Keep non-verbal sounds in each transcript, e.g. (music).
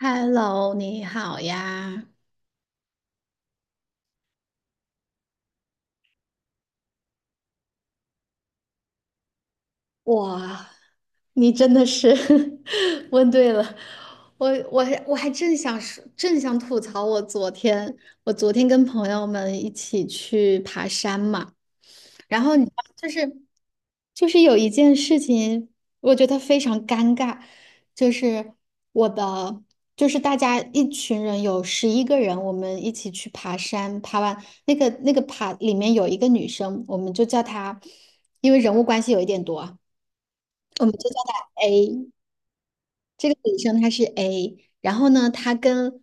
Hello，你好呀。哇，你真的是 (laughs) 问对了，我还正想说，正想吐槽我昨天，我昨天跟朋友们一起去爬山嘛，然后你知道就是有一件事情，我觉得非常尴尬，就是我的就是大家一群人有11个人，我们一起去爬山，爬完那个爬里面有一个女生，我们就叫她，因为人物关系有一点多。我们就叫她 A。这个女生她是 A，然后呢，她跟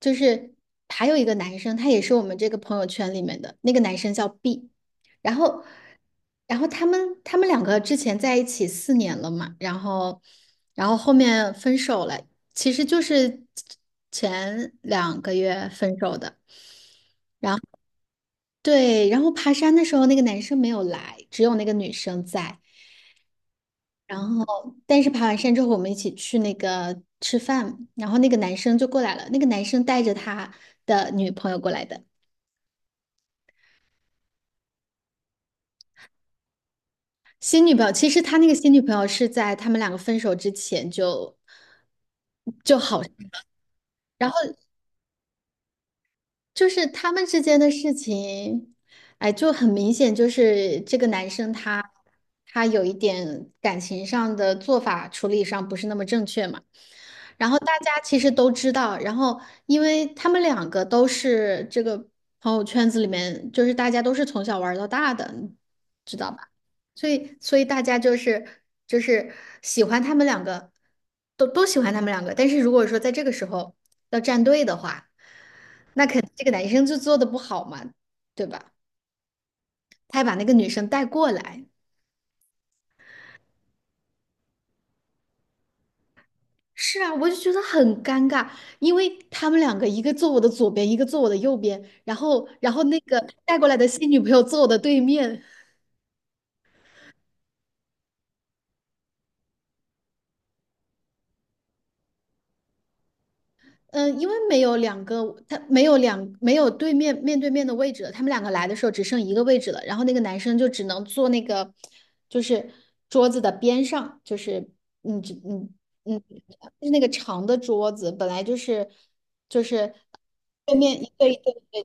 就是还有一个男生，他也是我们这个朋友圈里面的那个男生叫 B，然后然后他们两个之前在一起4年了嘛，然后后面分手了，其实就是前2个月分手的。对，然后爬山的时候那个男生没有来，只有那个女生在。然后，但是爬完山之后，我们一起去那个吃饭，然后那个男生就过来了，那个男生带着他的女朋友过来的，新女朋友。其实他那个新女朋友是在他们两个分手之前就就好，然后就是他们之间的事情，哎，就很明显，就是这个男生他有一点感情上的做法处理上不是那么正确嘛。然后大家其实都知道，然后因为他们两个都是这个朋友圈子里面，就是大家都是从小玩到大的，你知道吧？所以大家就是喜欢他们两个，都喜欢他们两个。但是如果说在这个时候要站队的话，那肯这个男生就做的不好嘛，对吧？他还把那个女生带过来。是啊，我就觉得很尴尬，因为他们两个一个坐我的左边，一个坐我的右边，然后那个带过来的新女朋友坐我的对面，嗯，因为没有两个，他没有两没有对面面对面的位置了，他们两个来的时候只剩一个位置了，然后那个男生就只能坐那个就是桌子的边上，就是嗯只嗯嗯，就是那个长的桌子，本来就是对面一个一个。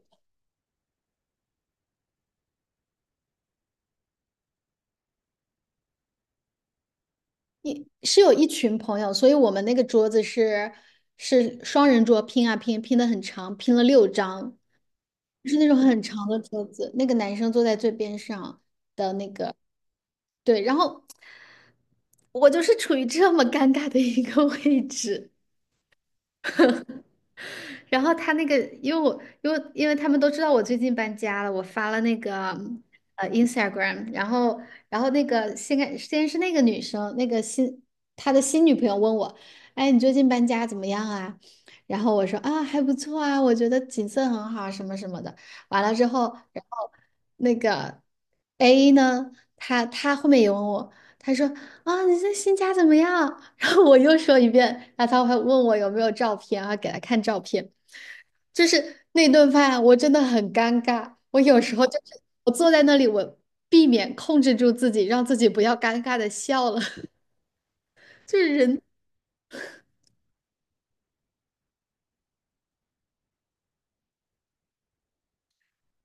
一是有一群朋友，所以我们那个桌子是双人桌，拼啊拼，拼的很长，拼了6张，就是那种很长的桌子。那个男生坐在最边上的那个，对，然后我就是处于这么尴尬的一个 (laughs) 位置。然后他那个，因为我因为因为他们都知道我最近搬家了，我发了那个Instagram，然后那个先开先是那个女生，那个新她的新女朋友问我，哎，你最近搬家怎么样啊？然后我说啊还不错啊，我觉得景色很好啊什么什么的。完了之后，然后那个 A 呢，他后面也问我，他说啊你这新家怎么样？(laughs) 我又说一遍，然后他还问我有没有照片，啊，给他看照片。就是那顿饭啊，我真的很尴尬。我有时候就是我坐在那里，我避免控制住自己，让自己不要尴尬的笑了。(laughs) 就是人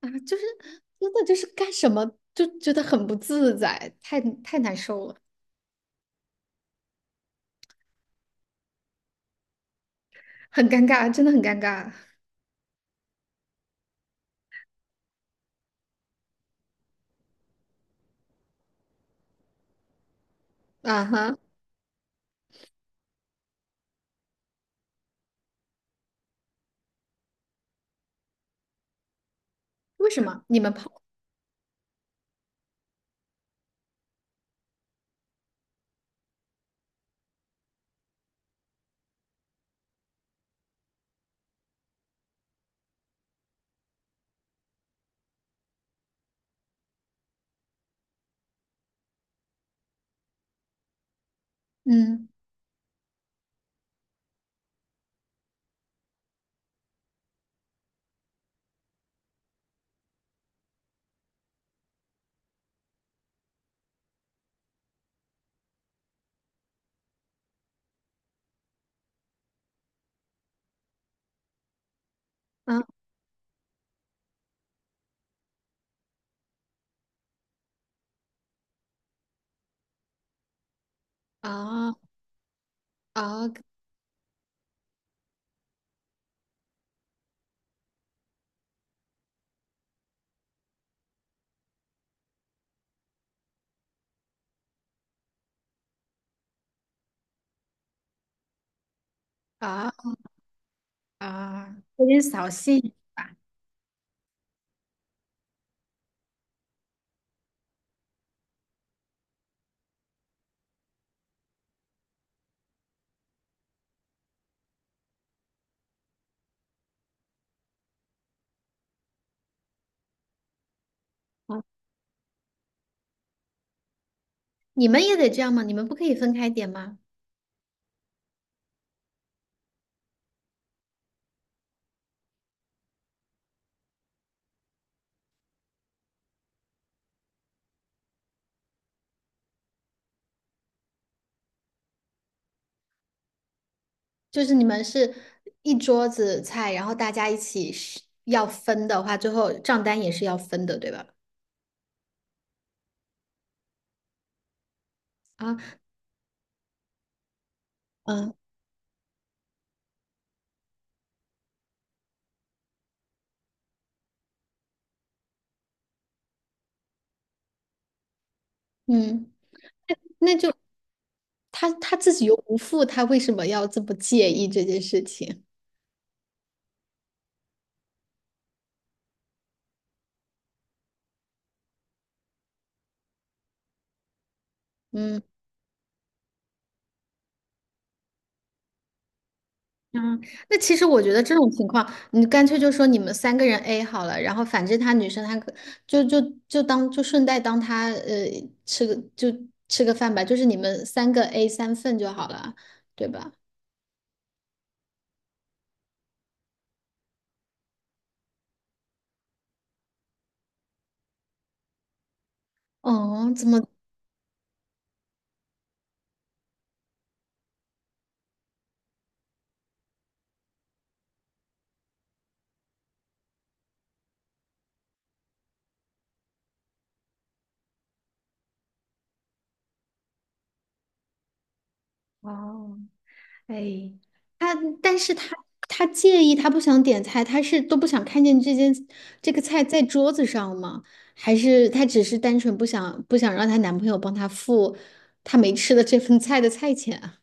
啊，就是真的就是干什么就觉得很不自在，太难受了，很尴尬，真的很尴尬啊哈！为什么你们泡？嗯啊啊啊啊啊，有点扫兴吧？啊。你们也得这样吗？你们不可以分开点吗？就是你们是一桌子菜，然后大家一起是要分的话，最后账单也是要分的，对吧？啊，嗯嗯，那就他自己又不付，他为什么要这么介意这件事情？嗯嗯，那其实我觉得这种情况，你干脆就说你们3个人 A 好了，然后反正他女生她可就就当就顺带当他呃吃个就吃个饭吧，就是你们三个 A 3份就好了，对吧？哦，怎么？哦，哎，他，但是他介意，他不想点菜，他是都不想看见这件这个菜在桌子上吗？还是他只是单纯不想让她男朋友帮她付她没吃的这份菜的菜钱啊？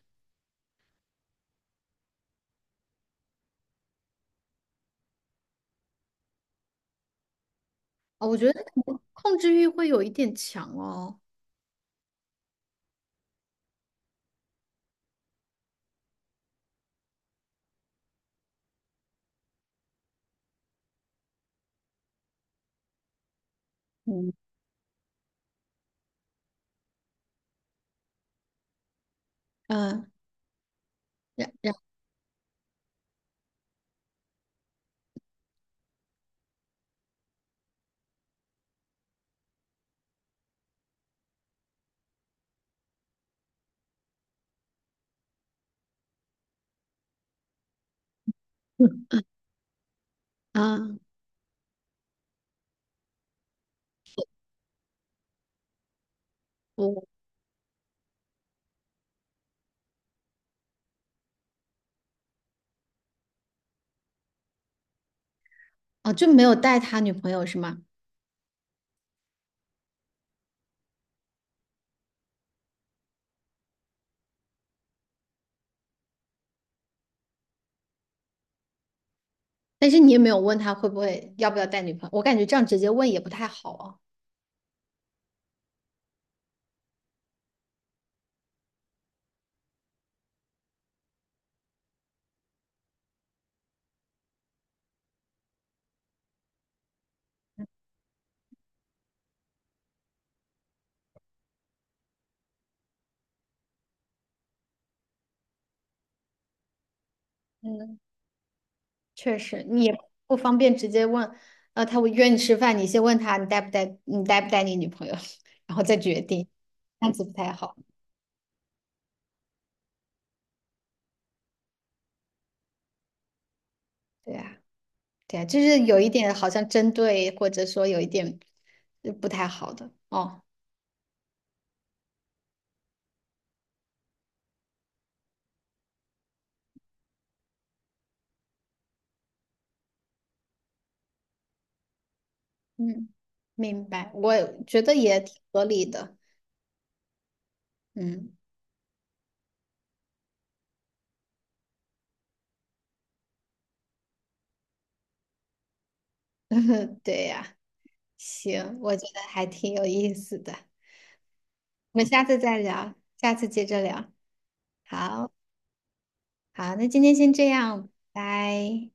哦，我觉得可能控制欲会有一点强哦。嗯嗯，然然 (laughs) 啊，我哦就没有带他女朋友是吗？但是你也没有问他会不会要不要带女朋友，我感觉这样直接问也不太好哦。嗯确实，你也不方便直接问，呃，他会约你吃饭，你先问他你带不带，你带不带你女朋友，(laughs) 然后再决定，这样子不太好。对呀，对呀，就是有一点好像针对，或者说有一点呃不太好的哦。嗯，明白，我觉得也挺合理的。嗯，(laughs) 对呀，行，我觉得还挺有意思的。我们下次再聊，下次接着聊。好，好，那今天先这样，拜。